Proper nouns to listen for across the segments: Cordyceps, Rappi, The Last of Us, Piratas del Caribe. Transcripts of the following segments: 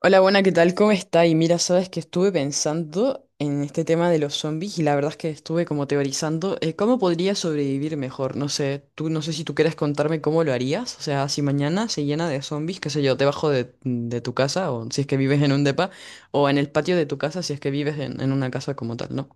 Hola, buena, ¿qué tal? ¿Cómo está? Y mira, sabes que estuve pensando en este tema de los zombies y la verdad es que estuve como teorizando cómo podría sobrevivir mejor. No sé, tú no sé si tú quieres contarme cómo lo harías. O sea, si mañana se llena de zombies, qué sé yo, debajo de tu casa, o si es que vives en un depa o en el patio de tu casa si es que vives en una casa como tal, ¿no?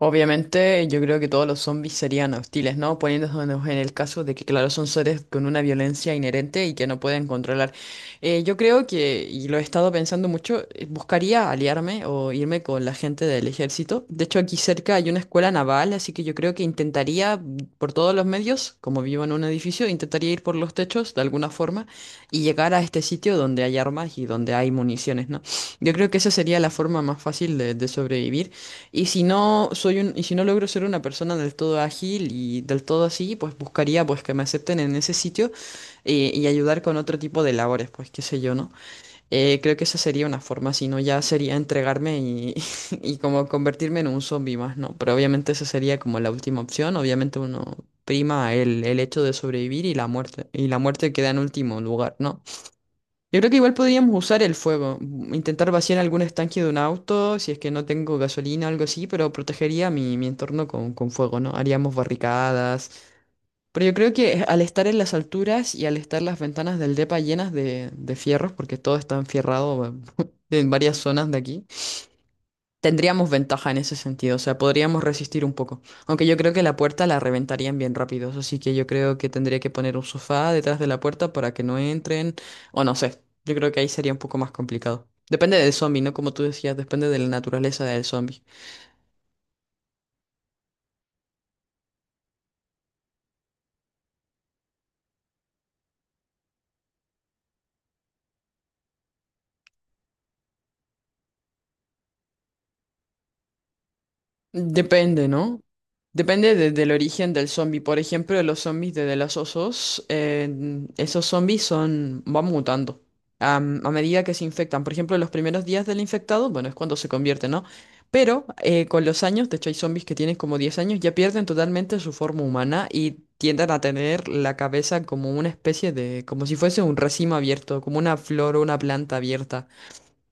Obviamente, yo creo que todos los zombies serían hostiles, ¿no? Poniéndonos en el caso de que, claro, son seres con una violencia inherente y que no pueden controlar. Yo creo que, y lo he estado pensando mucho, buscaría aliarme o irme con la gente del ejército. De hecho, aquí cerca hay una escuela naval, así que yo creo que intentaría, mm, por todos los medios, como vivo en un edificio, intentaría ir por los techos de alguna forma y llegar a este sitio donde hay armas y donde hay municiones, ¿no? Yo creo que esa sería la forma más fácil de sobrevivir. Y si no soy y si no logro ser una persona del todo ágil y del todo así, pues buscaría pues que me acepten en ese sitio y ayudar con otro tipo de labores, pues qué sé yo, ¿no? Creo que esa sería una forma, si no ya sería entregarme y como convertirme en un zombie más, ¿no? Pero obviamente esa sería como la última opción, obviamente uno prima el hecho de sobrevivir y la muerte queda en último lugar, ¿no? Yo creo que igual podríamos usar el fuego, mm, intentar vaciar algún estanque de un auto, si es que no tengo gasolina o algo así, pero protegería mi entorno con fuego, ¿no? Haríamos barricadas. Pero yo creo que al estar en las alturas y al estar las ventanas del depa llenas de fierros, porque todo está enfierrado en varias zonas de aquí, tendríamos ventaja en ese sentido, o sea, podríamos resistir un poco. Aunque yo creo que la puerta la reventarían bien rápido, así que yo creo que tendría que poner un sofá detrás de la puerta para que no entren, o no sé, yo creo que ahí sería un poco más complicado. Depende del zombie, ¿no? Como tú decías, depende de la naturaleza del zombie. Depende, ¿no? Depende del origen del zombie. Por ejemplo, los zombies de The Last of Us, esos zombies son, van mutando a medida que se infectan. Por ejemplo, los primeros días del infectado, bueno, es cuando se convierte, ¿no? Pero con los años, de hecho hay zombies que tienen como 10 años, ya pierden totalmente su forma humana y tienden a tener la cabeza como una especie de, como si fuese un racimo abierto, como una flor o una planta abierta.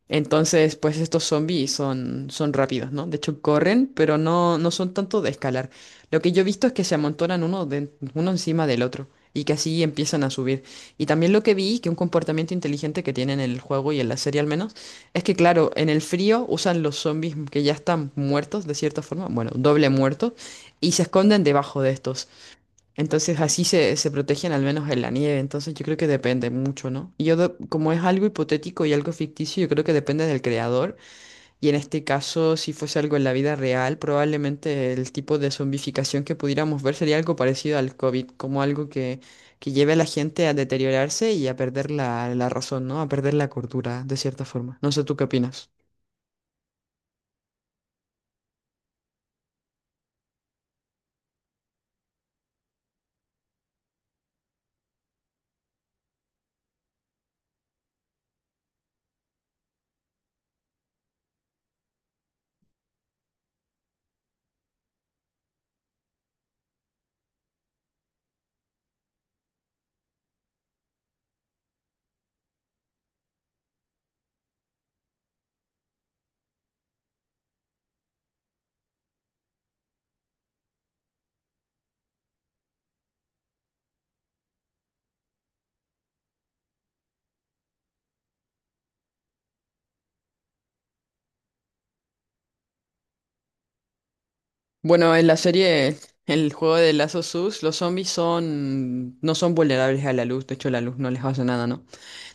Entonces, pues estos zombies son, son rápidos, ¿no? De hecho, corren, pero no, no son tanto de escalar. Lo que yo he visto es que se amontonan uno encima del otro y que así empiezan a subir. Y también lo que vi, que un comportamiento inteligente que tienen en el juego y en la serie al menos, es que claro, en el frío usan los zombies que ya están muertos de cierta forma, bueno, doble muertos, y se esconden debajo de estos. Entonces así se, se protegen al menos en la nieve, entonces yo creo que depende mucho, ¿no? Y yo, como es algo hipotético y algo ficticio, yo creo que depende del creador, y en este caso, si fuese algo en la vida real, probablemente el tipo de zombificación que pudiéramos ver sería algo parecido al COVID, como algo que lleve a la gente a deteriorarse y a perder la razón, ¿no? A perder la cordura, de cierta forma. No sé, ¿tú qué opinas? Bueno, en la serie, el juego de Lazo Sus, los zombies son, no son vulnerables a la luz, de hecho la luz no les hace nada, ¿no?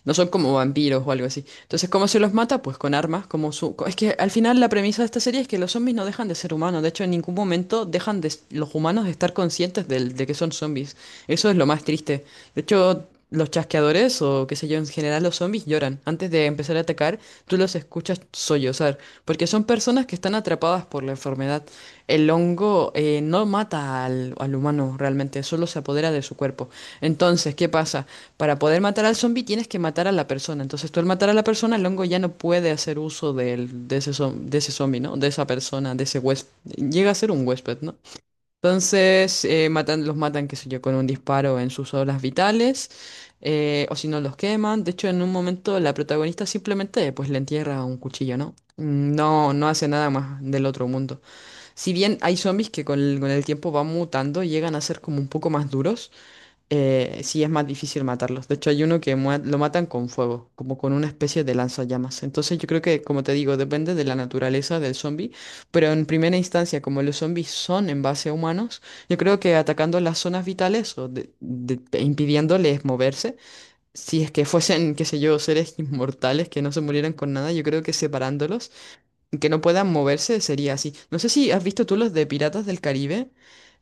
No son como vampiros o algo así. Entonces, ¿cómo se los mata? Pues con armas, como Es que al final la premisa de esta serie es que los zombies no dejan de ser humanos. De hecho, en ningún momento dejan los humanos de estar conscientes de que son zombies. Eso es lo más triste. De hecho, los chasqueadores o qué sé yo, en general los zombies lloran. Antes de empezar a atacar, tú los escuchas sollozar. Porque son personas que están atrapadas por la enfermedad. El hongo no mata al humano realmente, solo se apodera de su cuerpo. Entonces, ¿qué pasa? Para poder matar al zombie tienes que matar a la persona. Entonces tú al matar a la persona, el hongo ya no puede hacer uso de ese zombie, ¿no? De esa persona, de ese huésped. Llega a ser un huésped, ¿no? Entonces matan, los matan, qué sé yo, con un disparo en sus obras vitales. O si no, los queman. De hecho, en un momento la protagonista simplemente pues le entierra un cuchillo, ¿no? Mm, no, no hace nada más del otro mundo. Si bien hay zombies que con el tiempo van mutando y llegan a ser como un poco más duros, sí es más difícil matarlos. De hecho, hay uno que lo matan con fuego, como con una especie de lanzallamas. Entonces, yo creo que, como te digo, depende de la naturaleza del zombie, pero en primera instancia, como los zombies son en base a humanos, yo creo que atacando las zonas vitales e impidiéndoles moverse, si es que fuesen, qué sé yo, seres inmortales que no se murieran con nada, yo creo que separándolos, que no puedan moverse, sería así. No sé si has visto tú los de Piratas del Caribe.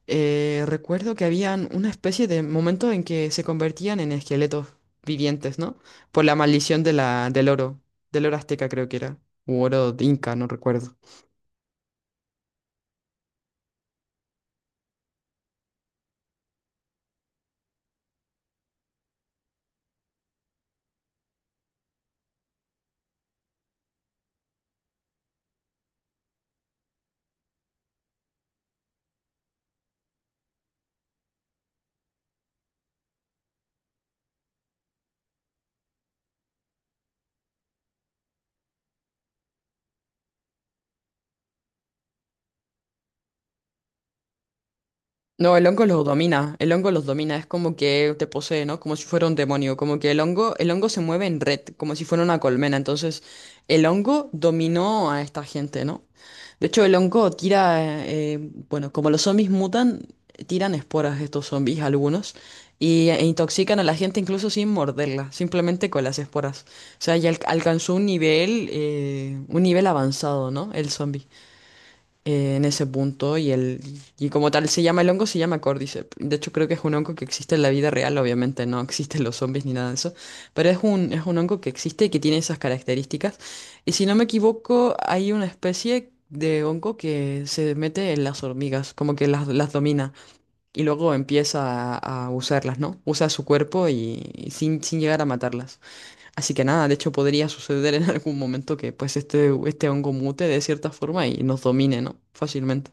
Recuerdo que habían una especie de momento en que se convertían en esqueletos vivientes, ¿no? Por la maldición de del oro azteca creo que era, u oro de inca, no recuerdo. No, el hongo los domina, el hongo los domina, es como que te posee, ¿no? Como si fuera un demonio, como que el hongo se mueve en red, como si fuera una colmena, entonces el hongo dominó a esta gente, ¿no? De hecho, el hongo tira, bueno, como los zombies mutan, tiran esporas estos zombies algunos e intoxican a la gente incluso sin morderla, simplemente con las esporas. O sea, ya alcanzó un nivel avanzado, ¿no? El zombie en ese punto y como tal se llama el hongo, se llama Cordyceps. De hecho, creo que es un hongo que existe en la vida real, obviamente no existen los zombies ni nada de eso, pero es un hongo que existe y que tiene esas características. Y si no me equivoco, hay una especie de hongo que se mete en las hormigas, como que las domina y luego empieza a usarlas, ¿no? Usa su cuerpo y sin llegar a matarlas. Así que nada, de hecho podría suceder en algún momento que pues este hongo mute de cierta forma y nos domine, ¿no? Fácilmente.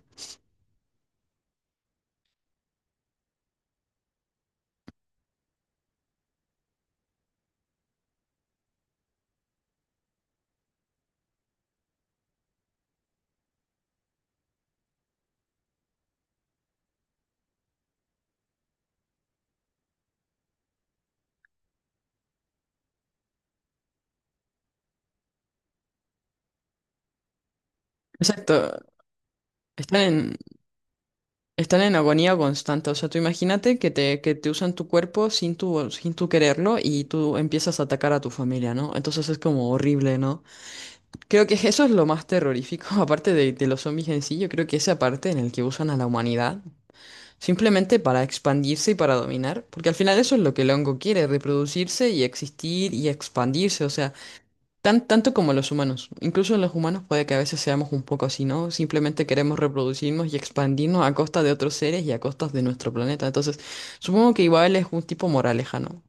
Exacto. Están en, están en agonía constante. O sea, tú imagínate que te usan tu cuerpo sin sin tu quererlo y tú empiezas a atacar a tu familia, ¿no? Entonces es como horrible, ¿no? Creo que eso es lo más terrorífico, aparte de los zombies en sí, yo creo que esa parte en el que usan a la humanidad simplemente para expandirse y para dominar, porque al final eso es lo que el hongo quiere, reproducirse y existir y expandirse, o sea, tanto como los humanos. Incluso los humanos puede que a veces seamos un poco así, ¿no? Simplemente queremos reproducirnos y expandirnos a costa de otros seres y a costas de nuestro planeta. Entonces, supongo que igual es un tipo moraleja, ¿no?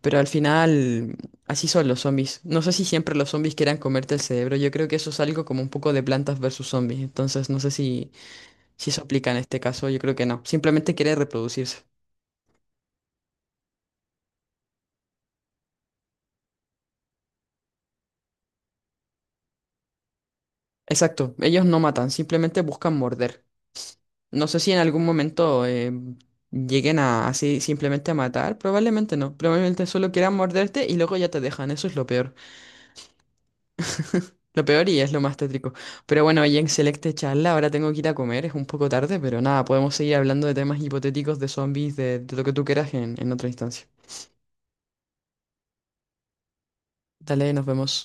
Pero al final, así son los zombies. No sé si siempre los zombies quieran comerte el cerebro, yo creo que eso es algo como un poco de plantas versus zombies, entonces no sé si... Si eso aplica en este caso, yo creo que no. Simplemente quiere reproducirse. Exacto, ellos no matan, simplemente buscan morder. No sé si en algún momento lleguen a así simplemente a matar, probablemente no. Probablemente solo quieran morderte y luego ya te dejan, eso es lo peor. Lo peor y es lo más tétrico. Pero bueno, oye, excelente charla, ahora tengo que ir a comer, es un poco tarde, pero nada, podemos seguir hablando de temas hipotéticos, de zombies, de lo que tú quieras en otra instancia. Dale, nos vemos.